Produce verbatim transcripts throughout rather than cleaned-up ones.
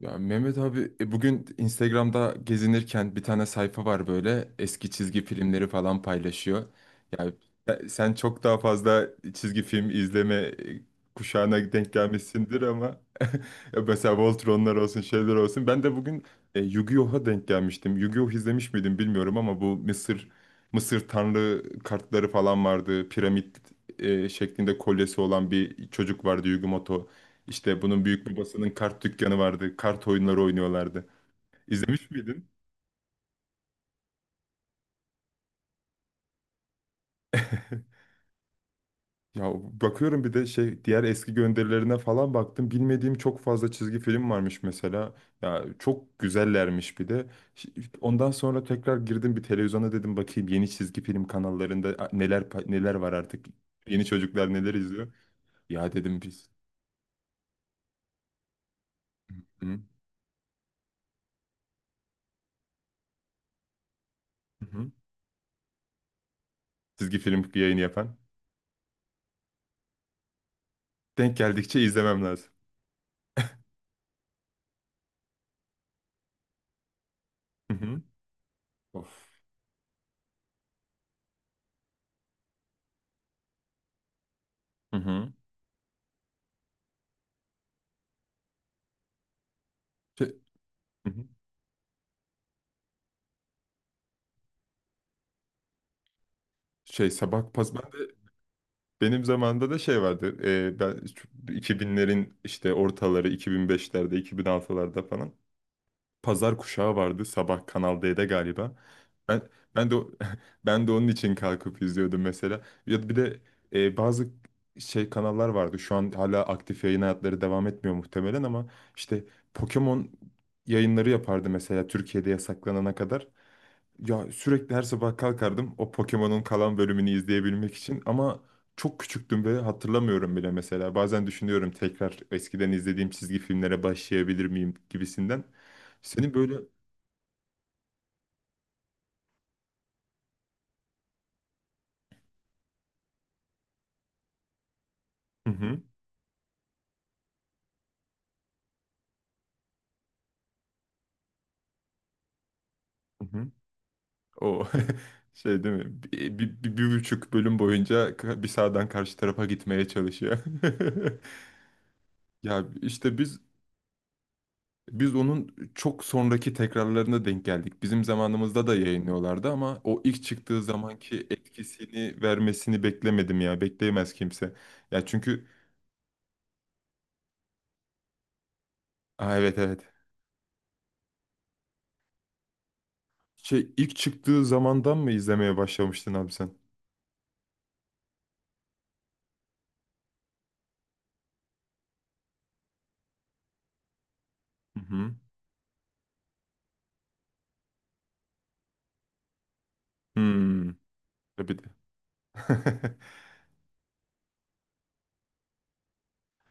Ya Mehmet abi e, bugün Instagram'da gezinirken bir tane sayfa var böyle eski çizgi filmleri falan paylaşıyor. Ya e, sen çok daha fazla çizgi film izleme e, kuşağına denk gelmişsindir ama e, mesela Voltronlar olsun şeyler olsun. Ben de bugün e, Yu-Gi-Oh'a denk gelmiştim. Yu-Gi-Oh izlemiş miydim bilmiyorum ama bu Mısır Mısır tanrı kartları falan vardı. Piramit e, şeklinde kolyesi olan bir çocuk vardı, yu işte bunun büyük babasının kart dükkanı vardı. Kart oyunları oynuyorlardı. İzlemiş miydin? Ya bakıyorum, bir de şey, diğer eski gönderilerine falan baktım. Bilmediğim çok fazla çizgi film varmış mesela. Ya çok güzellermiş bir de. Ş- Ondan sonra tekrar girdim bir televizyona, dedim bakayım yeni çizgi film kanallarında a- neler pa- neler var artık. Yeni çocuklar neler izliyor? Ya dedim biz. Hı hı. Çizgi film yayını yapan. Denk geldikçe izlemem lazım. Hı hı. Of. Hı hı. Şey- Hı hı. Şey sabah pas ben de benim zamanımda da şey vardı. E, ben şu iki binlerin işte ortaları, iki bin beşlerde iki bin altılarda falan pazar kuşağı vardı sabah Kanal D'de galiba. Ben ben de o- Ben de onun için kalkıp izliyordum mesela. Ya da bir de e, bazı şey kanallar vardı. Şu an hala aktif yayın hayatları devam etmiyor muhtemelen ama işte Pokemon yayınları yapardı mesela, Türkiye'de yasaklanana kadar. Ya sürekli her sabah kalkardım o Pokemon'un kalan bölümünü izleyebilmek için ama çok küçüktüm ve hatırlamıyorum bile mesela. Bazen düşünüyorum, tekrar eskiden izlediğim çizgi filmlere başlayabilir miyim gibisinden. Senin böyle, hı hı, hı hı. O şey değil mi? Bir, bir, bir, bir buçuk bölüm boyunca ka- bir sağdan karşı tarafa gitmeye çalışıyor. Ya işte biz Biz onun çok sonraki tekrarlarına denk geldik. Bizim zamanımızda da yayınlıyorlardı ama o ilk çıktığı zamanki etkisini vermesini beklemedim ya. Bekleyemez kimse. Ya çünkü Aa, evet evet. Şey ilk çıktığı zamandan mı izlemeye başlamıştın abi sen? Hı hı. Hmm. Tabii de.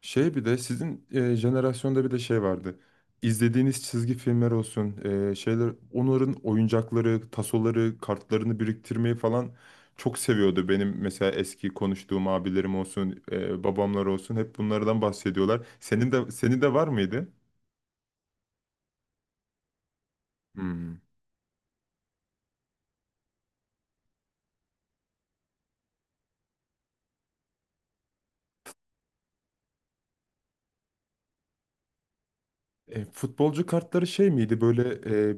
Şey bir de sizin e, jenerasyonda bir de şey vardı. İzlediğiniz çizgi filmler olsun, e, şeyler, onların oyuncakları, tasoları, kartlarını biriktirmeyi falan çok seviyordu. Benim mesela eski konuştuğum abilerim olsun, e, babamlar olsun hep bunlardan bahsediyorlar. Senin de senin de var mıydı? Hmm. E, futbolcu kartları şey miydi böyle, e,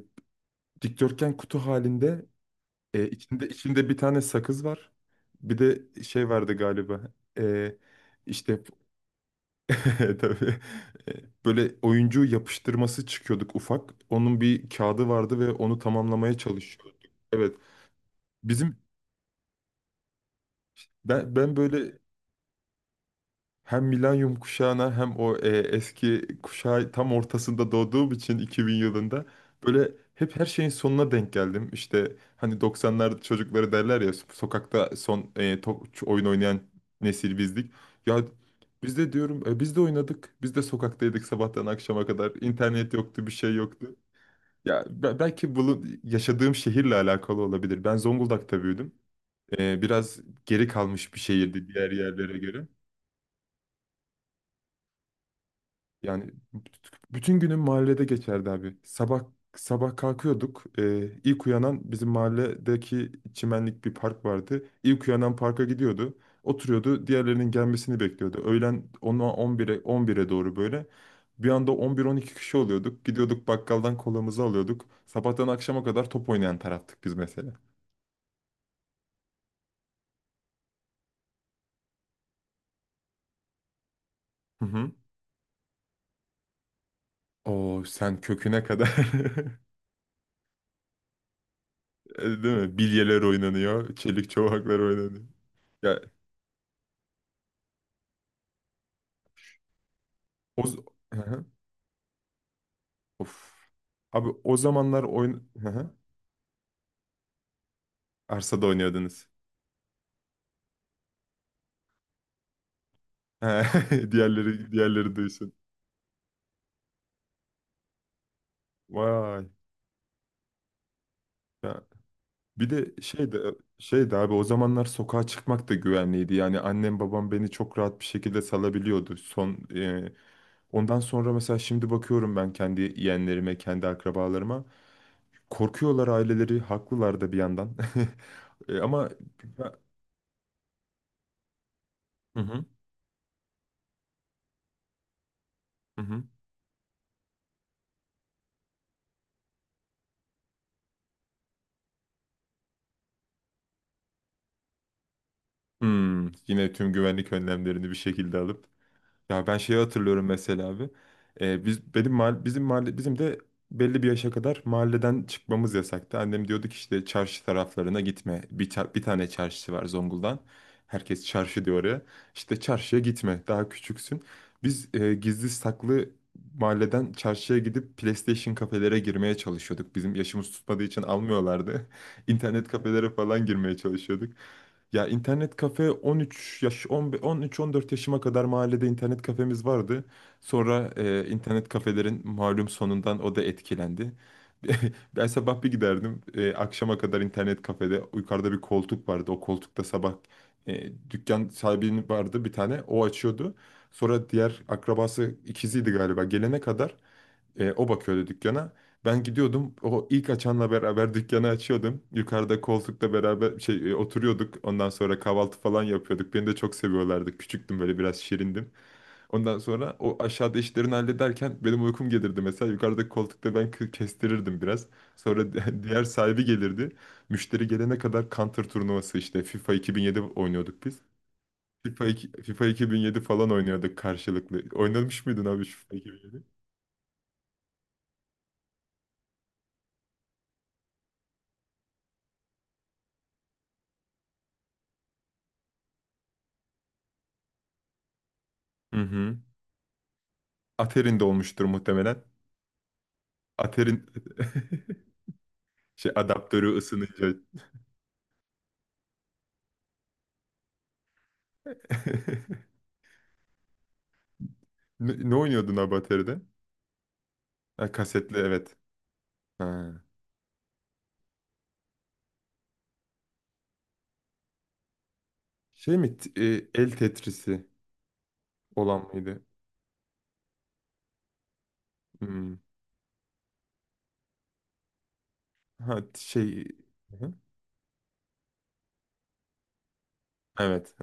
dikdörtgen kutu halinde, e, içinde içinde bir tane sakız var. Bir de şey vardı galiba. E, işte Tabii. E, böyle oyuncu yapıştırması çıkıyorduk ufak. Onun bir kağıdı vardı ve onu tamamlamaya çalışıyorduk. Evet. Bizim ben ben böyle Hem milenyum kuşağına hem o e, eski kuşağı tam ortasında doğduğum için iki bin yılında böyle hep her şeyin sonuna denk geldim. İşte hani doksanlar çocukları derler ya, so-, sokakta son e, to- oyun oynayan nesil bizdik. Ya biz de diyorum, e, biz de oynadık. Biz de sokaktaydık sabahtan akşama kadar. İnternet yoktu, bir şey yoktu. Ya be- belki bulun yaşadığım şehirle alakalı olabilir. Ben Zonguldak'ta büyüdüm. E, biraz geri kalmış bir şehirdi diğer yerlere göre. Yani bütün günüm mahallede geçerdi abi. Sabah sabah kalkıyorduk. Ee, ilk uyanan bizim mahalledeki çimenlik bir park vardı. İlk uyanan parka gidiyordu. Oturuyordu. Diğerlerinin gelmesini bekliyordu. Öğlen ona on bire on bire doğru böyle. Bir anda on bir on iki kişi oluyorduk. Gidiyorduk bakkaldan kolamızı alıyorduk. Sabahtan akşama kadar top oynayan taraftık biz mesela. Hı hı. Oo sen köküne kadar. Değil mi? Bilyeler oynanıyor. Çelik çomaklar oynanıyor. Ya o, Of. Abi o zamanlar oyun. Hı hı. Arsada oynuyordunuz. He, Diğerleri, diğerleri duysun. Vay. Ya. Bir de şey de şey de abi o zamanlar sokağa çıkmak da güvenliydi. Yani annem babam beni çok rahat bir şekilde salabiliyordu. Son e, ondan sonra mesela şimdi bakıyorum ben kendi yeğenlerime, kendi akrabalarıma. Korkuyorlar aileleri, haklılar da bir yandan. E, ama Hı hı. Hı hı. Hmm, yine tüm güvenlik önlemlerini bir şekilde alıp. Ya ben şeyi hatırlıyorum mesela abi. Ee, biz benim mahalle, bizim mahalle, bizim de belli bir yaşa kadar mahalleden çıkmamız yasaktı. Annem diyordu ki işte çarşı taraflarına gitme. Bir, ta- bir tane çarşısı var Zonguldak'ın. Herkes çarşı diyor oraya. İşte çarşıya gitme. Daha küçüksün. Biz e, gizli saklı mahalleden çarşıya gidip PlayStation kafelere girmeye çalışıyorduk. Bizim yaşımız tutmadığı için almıyorlardı. İnternet kafelere falan girmeye çalışıyorduk. Ya internet kafe on üç yaş, on üç on dört yaşıma kadar mahallede internet kafemiz vardı. Sonra e, internet kafelerin malum sonundan o da etkilendi. Ben sabah bir giderdim, e, akşama kadar internet kafede. Yukarıda bir koltuk vardı. O koltukta sabah e, dükkan sahibinin vardı bir tane. O açıyordu. Sonra diğer akrabası ikiziydi galiba. Gelene kadar e, o bakıyordu dükkana. Ben gidiyordum. O ilk açanla beraber dükkanı açıyordum. Yukarıda koltukla beraber şey e, oturuyorduk. Ondan sonra kahvaltı falan yapıyorduk. Beni de çok seviyorlardı. Küçüktüm, böyle biraz şirindim. Ondan sonra o aşağıda işlerini hallederken benim uykum gelirdi mesela. Yukarıdaki koltukta ben kı- kestirirdim biraz. Sonra di- diğer sahibi gelirdi. Müşteri gelene kadar Counter turnuvası işte FIFA iki bin yedi oynuyorduk biz. FIFA, iki- FIFA iki bin yedi falan oynuyorduk karşılıklı. Oynamış mıydın abi şu FIFA iki bin yedi? Hı hı. Aterin'de olmuştur muhtemelen. Aterin şey adaptörü ısınınca. Ne, ne oynuyordun abi Atari'de? Ha, kasetli evet. Ha. Şey mi? t- e, el Tetris'i olan mıydı? Hmm. Ha şey Hı. Evet.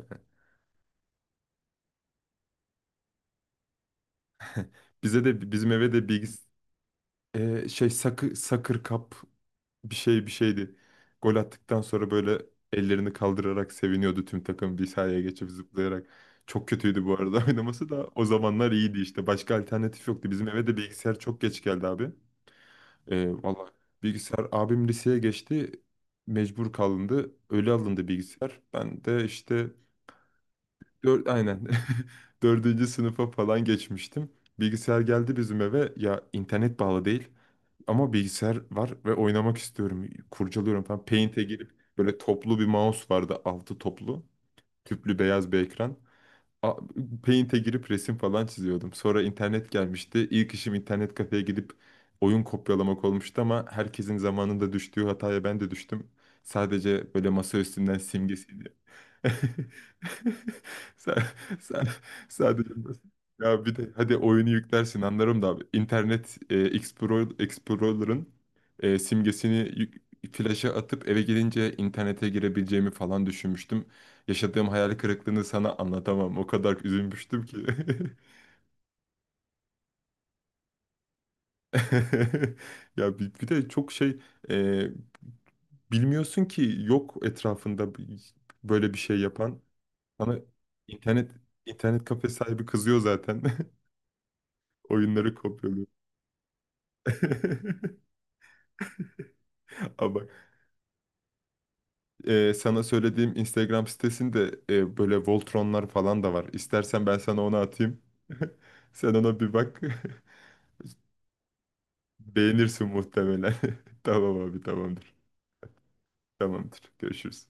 Bize de, bizim eve de bilgis e, şey sakı sakır kap, bir şey bir şeydi. Gol attıktan sonra böyle ellerini kaldırarak seviniyordu tüm takım bir sahaya geçip zıplayarak. Çok kötüydü bu arada oynaması da, o zamanlar iyiydi işte. Başka alternatif yoktu. Bizim eve de bilgisayar çok geç geldi abi. Ee, valla bilgisayar abim liseye geçti. Mecbur kalındı. Öyle alındı bilgisayar. Ben de işte Dör, aynen. Dördüncü sınıfa falan geçmiştim. Bilgisayar geldi bizim eve. Ya internet bağlı değil. Ama bilgisayar var ve oynamak istiyorum. Kurcalıyorum falan. Paint'e girip, böyle toplu bir mouse vardı. Altı toplu. Tüplü beyaz bir ekran. A- Paint'e girip resim falan çiziyordum. Sonra internet gelmişti. İlk işim internet kafeye gidip oyun kopyalamak olmuştu ama herkesin zamanında düştüğü hataya ben de düştüm. Sadece böyle masa üstünden simgesi. Sen, sen, sadece, ya bir de hadi oyunu yüklersin anlarım da abi. İnternet e, Explorer, Explorer'ın e, simgesini yük- flaşa atıp eve gelince internete girebileceğimi falan düşünmüştüm. Yaşadığım hayal kırıklığını sana anlatamam. O kadar üzülmüştüm ki. Ya bir, bir de çok şey, e, bilmiyorsun ki, yok etrafında b- böyle bir şey yapan. Sana internet internet kafe sahibi kızıyor zaten. Oyunları kopyalıyor. Ama e, sana söylediğim Instagram sitesinde e, böyle Voltronlar falan da var. İstersen ben sana onu atayım. Sen ona bir bak. Beğenirsin muhtemelen. Tamam abi, tamamdır. Tamamdır. Görüşürüz.